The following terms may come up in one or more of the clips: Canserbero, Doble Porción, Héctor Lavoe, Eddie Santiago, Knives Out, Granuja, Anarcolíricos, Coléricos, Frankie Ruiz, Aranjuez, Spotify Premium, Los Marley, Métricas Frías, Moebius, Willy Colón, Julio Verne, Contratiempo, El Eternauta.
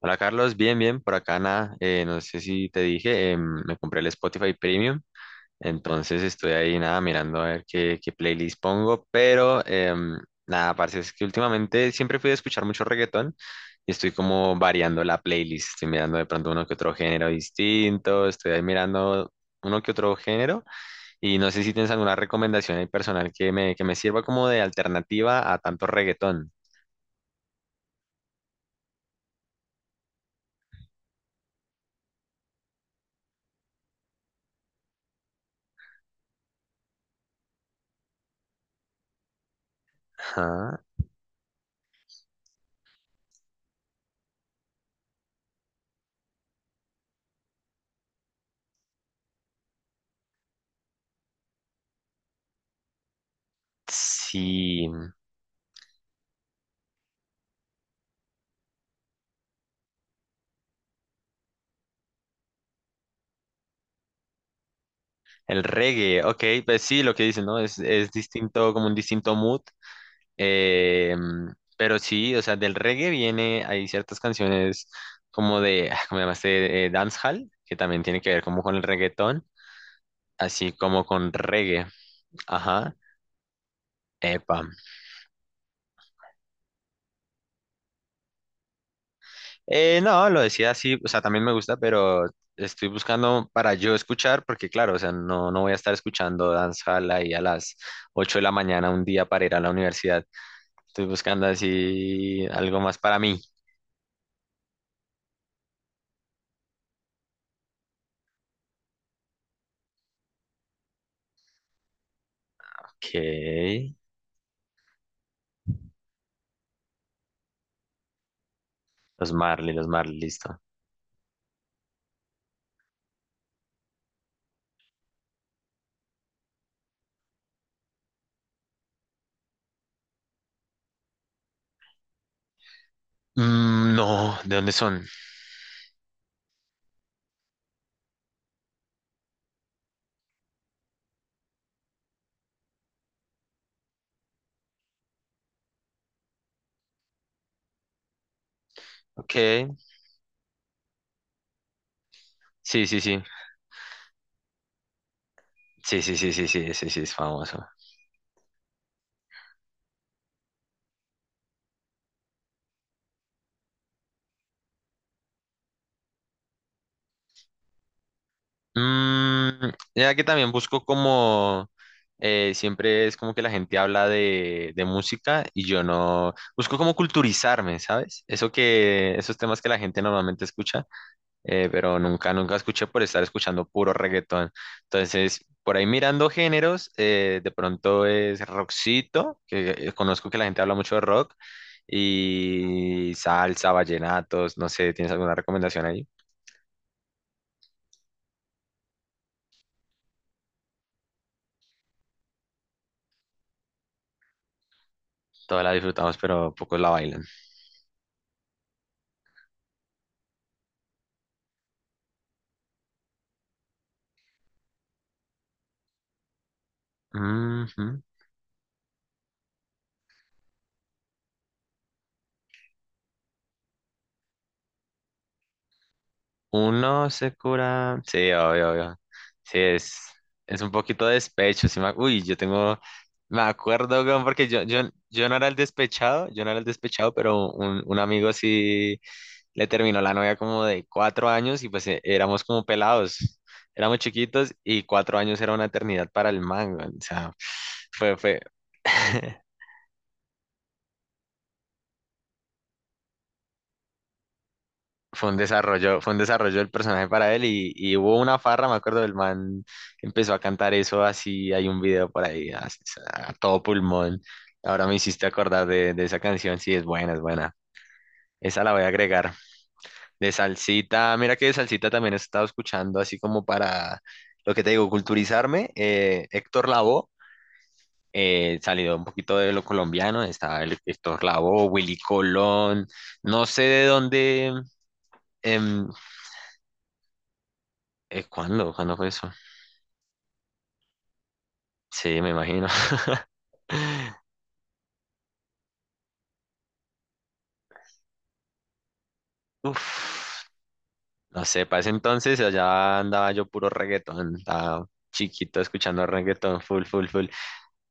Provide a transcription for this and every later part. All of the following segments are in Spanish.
Hola Carlos, bien, bien, por acá nada, no sé si te dije, me compré el Spotify Premium, entonces estoy ahí nada mirando a ver qué playlist pongo, pero nada, parece es que últimamente siempre fui a escuchar mucho reggaetón y estoy como variando la playlist, estoy mirando de pronto uno que otro género distinto, estoy ahí mirando uno que otro género y no sé si tienes alguna recomendación ahí personal que me sirva como de alternativa a tanto reggaetón. Ajá. Sí. El reggae, ok, pues sí, lo que dicen, ¿no? Es distinto, como un distinto mood. eh, pero sí, o sea, del reggae viene, hay ciertas canciones como de, ¿cómo llamaste? Dancehall, que también tiene que ver como con el reggaetón, así como con reggae. Ajá, epa. No, lo decía así, o sea, también me gusta, pero estoy buscando para yo escuchar, porque claro, o sea, no voy a estar escuchando dancehall ahí a las 8 de la mañana un día para ir a la universidad. Estoy buscando así algo más para mí. Ok. Los Marley, listo. Mm, no, ¿de dónde son? Ok. Sí, sí, sí. Sí, sí, sí, sí, sí, ese sí, es famoso. Mm, ya que también busco como... siempre es como que la gente habla de música y yo no... Busco como culturizarme, ¿sabes? Eso que... esos temas que la gente normalmente escucha. Pero nunca, nunca escuché por estar escuchando puro reggaetón. Entonces, por ahí mirando géneros, de pronto es rockcito, que conozco que la gente habla mucho de rock, y salsa, vallenatos, no sé, ¿tienes alguna recomendación ahí? Todas la disfrutamos, pero pocos la bailan. Ujú. Uno se cura. Sí, obvio, obvio. Sí, es un poquito de despecho. Sí Uy, yo tengo. Me acuerdo, weón, porque yo no era el despechado, yo no era el despechado, pero un amigo sí le terminó la novia como de cuatro años y pues éramos como pelados. Éramos chiquitos y cuatro años era una eternidad para el man, weón. O sea, fue. Fue un desarrollo del personaje para él y hubo una farra, me acuerdo, el man empezó a cantar eso así, hay un video por ahí así, a todo pulmón. Ahora me hiciste acordar de esa canción, sí, es buena, es buena. Esa la voy a agregar. De salsita, mira que de salsita también he estado escuchando, así como para lo que te digo, culturizarme. Héctor Lavoe, salido un poquito de lo colombiano, estaba Héctor Lavoe, Willy Colón, no sé de dónde. em, ¿Cuándo? ¿Cuándo fue eso? Sí, me imagino. Uf, no sé, para ese entonces allá andaba yo puro reggaetón, estaba chiquito escuchando reggaetón, full, full, full.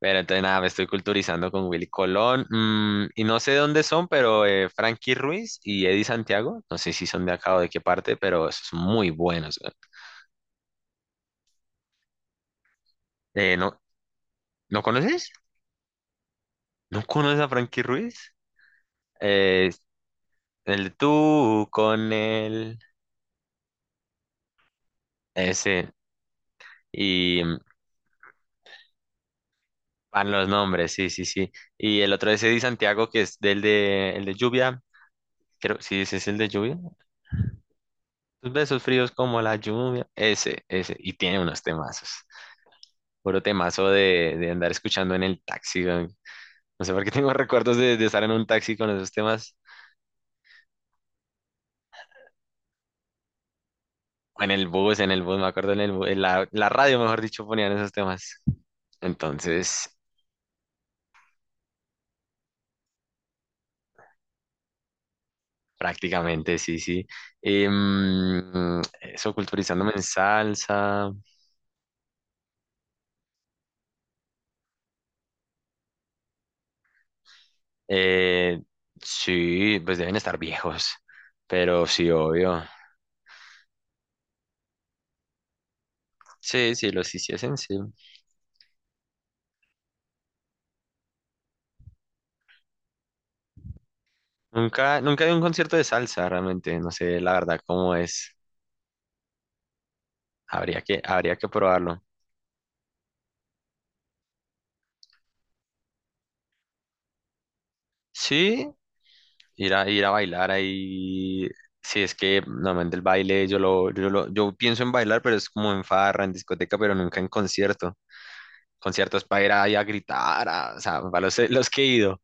Pero entonces nada, me estoy culturizando con Willy Colón, mm, y no sé dónde son, pero Frankie Ruiz y Eddie Santiago, no sé si son de acá o de qué parte, pero son muy buenos, weón. Eh, ¿no, ¿No conoces? ¿No conoces a Frankie Ruiz? Eh, el tú con él, ese. Y, mm, van los nombres, sí, sí, sí. Y el otro es Eddie Santiago, que es el de lluvia. Creo, sí, ese es el de lluvia. Tus besos fríos como la lluvia. Ese, ese. Y tiene unos temazos. Puro temazo de andar escuchando en el taxi, güey. No sé por qué tengo recuerdos de estar en un taxi con esos temas. O en el bus, me acuerdo en el bu- en la, la radio, mejor dicho, ponían esos temas. Entonces, prácticamente, sí, sí. Em, eso, culturizándome en salsa. Eh, sí, pues deben estar viejos, pero sí, obvio. Sí, sí, los hiciesen, sí. Nunca, nunca he ido a un concierto de salsa, realmente. No sé, la verdad, cómo es. Habría que probarlo. Sí, ir a bailar ahí. Sí, es que normalmente el baile, yo pienso en bailar, pero es como en farra, en discoteca, pero nunca en concierto. Conciertos para ir ahí a gritar, a- o sea, para los que he ido.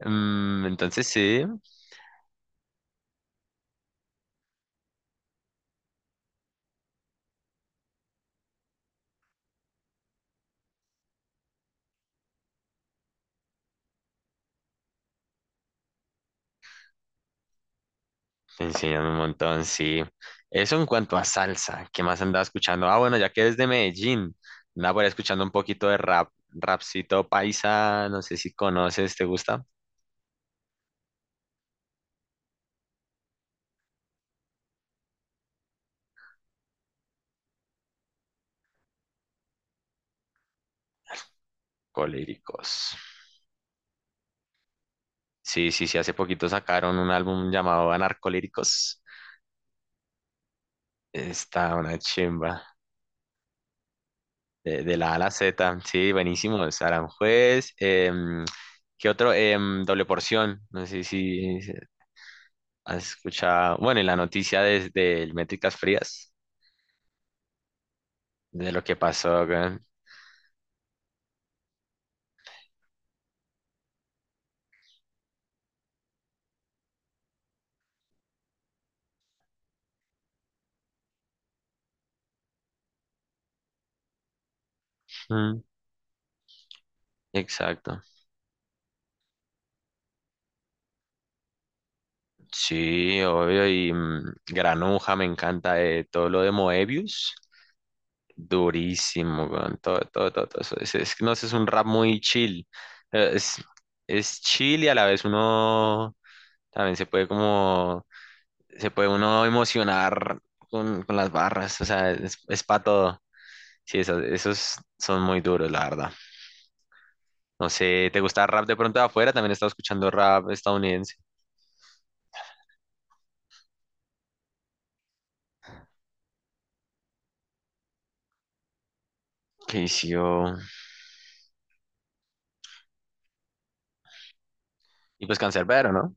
Mm, entonces sí. Te enseñan un montón, sí. Eso en cuanto a salsa, ¿qué más andaba escuchando? Ah, bueno, ya que es de Medellín, andaba por ahí escuchando un poquito de rap, rapcito paisa, no sé si conoces, ¿te gusta? Coléricos. Sí, sí, sí, hace poquito sacaron un álbum llamado Anarcolíricos. Está una chimba, de la A a la Z, sí, buenísimo, es Aranjuez. ¿Qué otro? Em, Doble Porción, no sé si has escuchado, bueno, y la noticia desde el Métricas Frías, de lo que pasó acá. Mm, exacto. Sí, obvio. Y mm, Granuja me encanta, todo lo de Moebius. Durísimo, weón. Todo, todo, todo, todo eso. Es que no sé, es un rap muy chill. eh, Es, es chill y a la vez uno también se puede como, se puede uno emocionar con las barras. O sea, es para todo. Sí, esos, esos son muy duros, la verdad. No sé, ¿te gusta rap de pronto de afuera? También he estado escuchando rap estadounidense. Que hizo, y pues Canserbero, ¿no?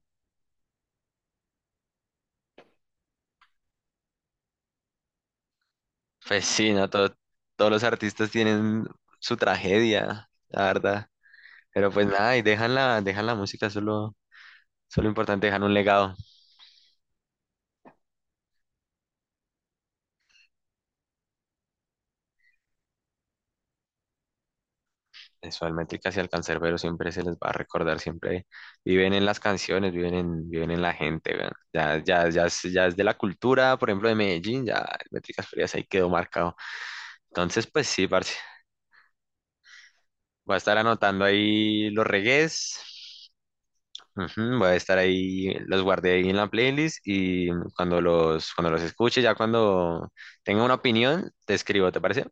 Pues sí, ¿no? Todo- todos los artistas tienen su tragedia, la verdad. Pero pues nada, y dejan la música, solo, solo importante, dejan un legado. Eso, al y al Canserbero siempre se les va a recordar, siempre viven en las canciones, viven en, viven en la gente, weón. Ya es, ya es de la cultura, por ejemplo, de Medellín, ya el Métricas Frías ahí quedó marcado. Entonces, pues sí, parce, voy a estar anotando ahí los regués. Ujú, voy a estar ahí, los guardé ahí en la playlist y cuando los escuche, ya cuando tenga una opinión, te escribo, ¿te parece?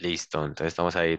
Listo, entonces estamos ahí.